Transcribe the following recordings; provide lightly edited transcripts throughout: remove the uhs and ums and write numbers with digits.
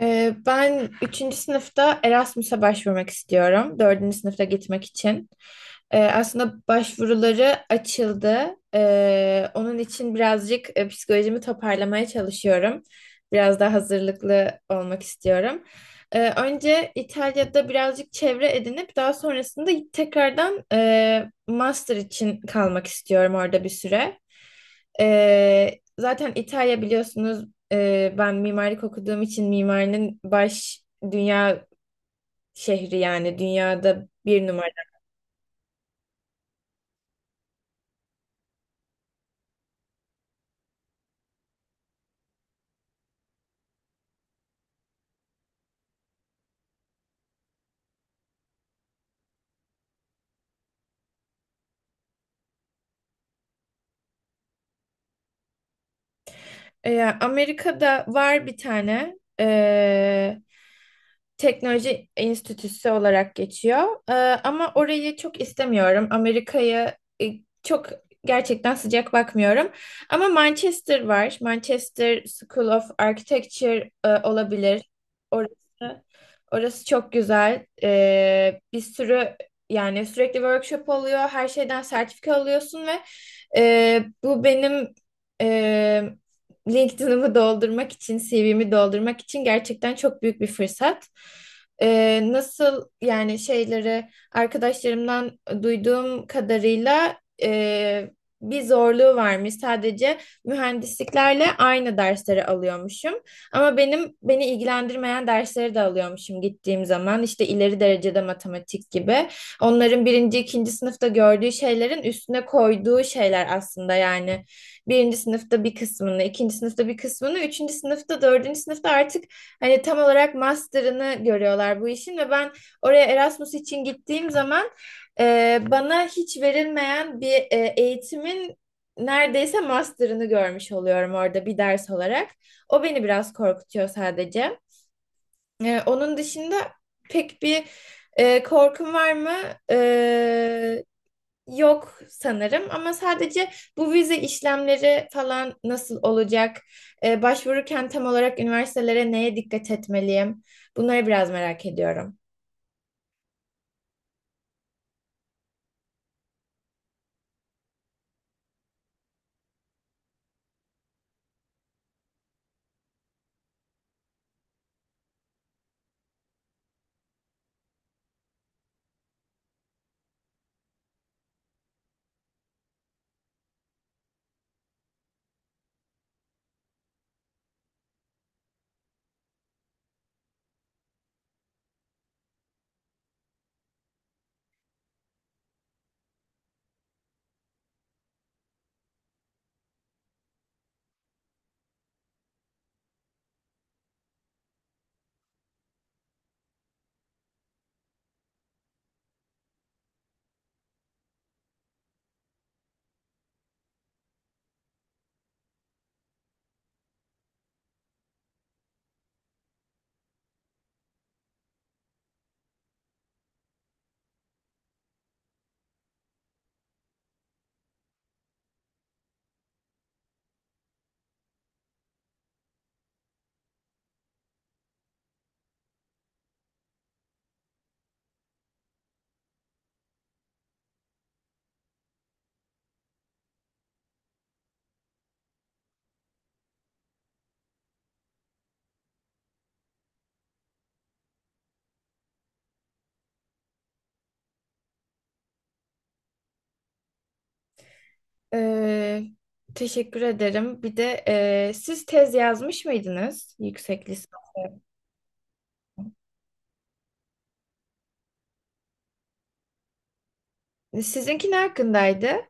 Ben üçüncü sınıfta Erasmus'a başvurmak istiyorum dördüncü sınıfta gitmek için. Aslında başvuruları açıldı. Onun için birazcık psikolojimi toparlamaya çalışıyorum. Biraz daha hazırlıklı olmak istiyorum. Önce İtalya'da birazcık çevre edinip daha sonrasında tekrardan master için kalmak istiyorum orada bir süre. Zaten İtalya biliyorsunuz, ben mimarlık okuduğum için mimarinin baş dünya şehri, yani dünyada bir numara. Amerika'da var bir tane. Teknoloji Enstitüsü olarak geçiyor. Ama orayı çok istemiyorum. Amerika'yı e, çok gerçekten sıcak bakmıyorum. Ama Manchester var. Manchester School of Architecture olabilir. Orası, orası çok güzel. Bir sürü, yani sürekli workshop oluyor. Her şeyden sertifika alıyorsun ve bu benim e, LinkedIn'ımı doldurmak için, CV'mi doldurmak için gerçekten çok büyük bir fırsat. Nasıl yani şeyleri, arkadaşlarımdan duyduğum kadarıyla e, bir zorluğu varmış. Sadece mühendisliklerle aynı dersleri alıyormuşum. Ama benim beni ilgilendirmeyen dersleri de alıyormuşum gittiğim zaman. İşte ileri derecede matematik gibi. Onların birinci, ikinci sınıfta gördüğü şeylerin üstüne koyduğu şeyler aslında yani. Birinci sınıfta bir kısmını, ikinci sınıfta bir kısmını, üçüncü sınıfta, dördüncü sınıfta artık hani tam olarak master'ını görüyorlar bu işin ve ben oraya Erasmus için gittiğim zaman bana hiç verilmeyen bir eğitimin neredeyse master'ını görmüş oluyorum orada bir ders olarak. O beni biraz korkutuyor sadece. Onun dışında pek bir korkum var mı? E, Yok sanırım ama sadece bu vize işlemleri falan nasıl olacak? Başvururken tam olarak üniversitelere neye dikkat etmeliyim? Bunları biraz merak ediyorum. Ee, Teşekkür ederim. Bir de siz tez yazmış mıydınız yüksek lisans? Sizinki ne hakkındaydı?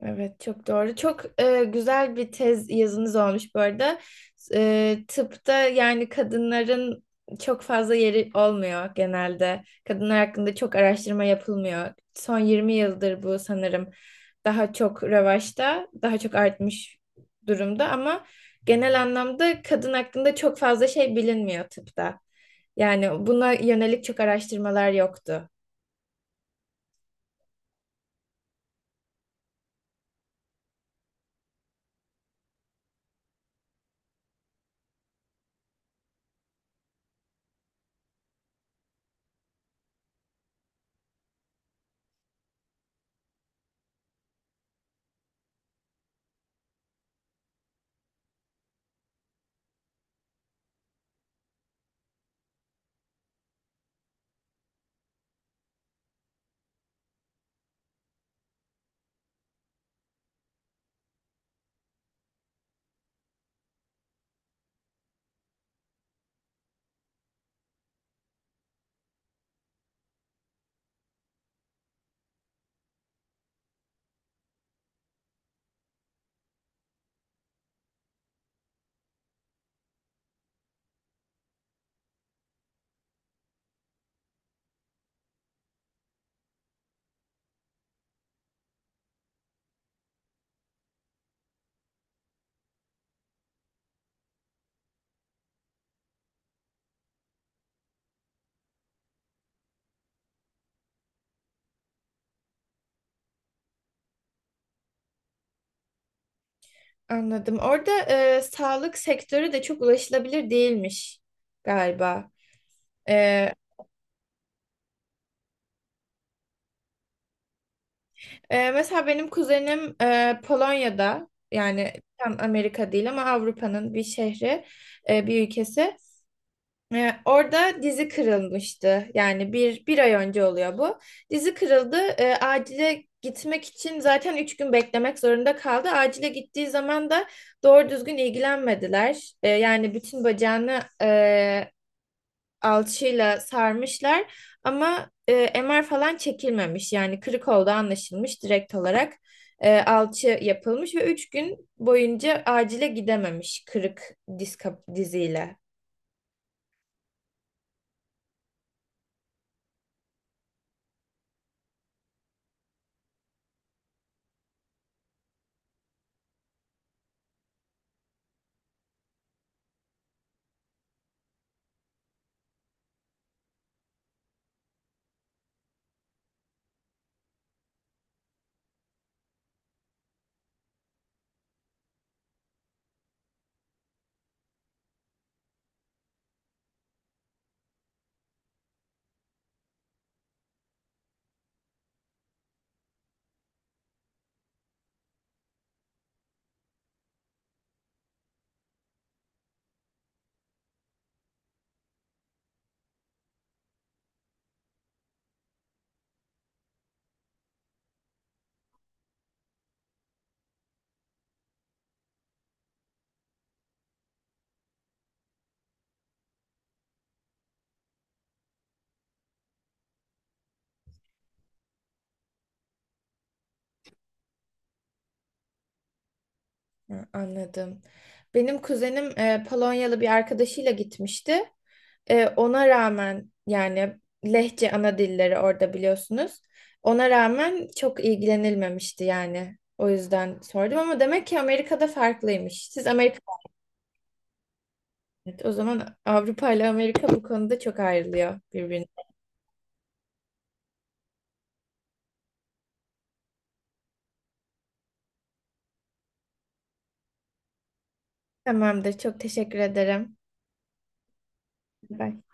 Evet, çok doğru. Çok güzel bir tez yazınız olmuş bu arada. Tıpta yani kadınların çok fazla yeri olmuyor genelde. Kadınlar hakkında çok araştırma yapılmıyor. Son 20 yıldır bu sanırım daha çok revaçta, daha çok artmış durumda ama genel anlamda kadın hakkında çok fazla şey bilinmiyor tıpta. Yani buna yönelik çok araştırmalar yoktu. Anladım. Orada sağlık sektörü de çok ulaşılabilir değilmiş galiba. E, Mesela benim kuzenim Polonya'da, yani tam Amerika değil ama Avrupa'nın bir şehri, bir ülkesi. Orada dizi kırılmıştı. Yani bir ay önce oluyor bu. Dizi kırıldı. Acile gitmek için zaten üç gün beklemek zorunda kaldı. Acile gittiği zaman da doğru düzgün ilgilenmediler. Yani bütün bacağını alçıyla sarmışlar ama MR falan çekilmemiş. Yani kırık olduğu anlaşılmış, direkt olarak alçı yapılmış ve 3 gün boyunca acile gidememiş kırık diziyle. Hı, anladım. Benim kuzenim Polonyalı bir arkadaşıyla gitmişti. Ona rağmen yani Lehçe ana dilleri orada, biliyorsunuz. Ona rağmen çok ilgilenilmemişti yani. O yüzden sordum ama demek ki Amerika'da farklıymış. Siz. Evet, o zaman Avrupa ile Amerika bu konuda çok ayrılıyor birbirine. Tamamdır. Çok teşekkür ederim. Bye.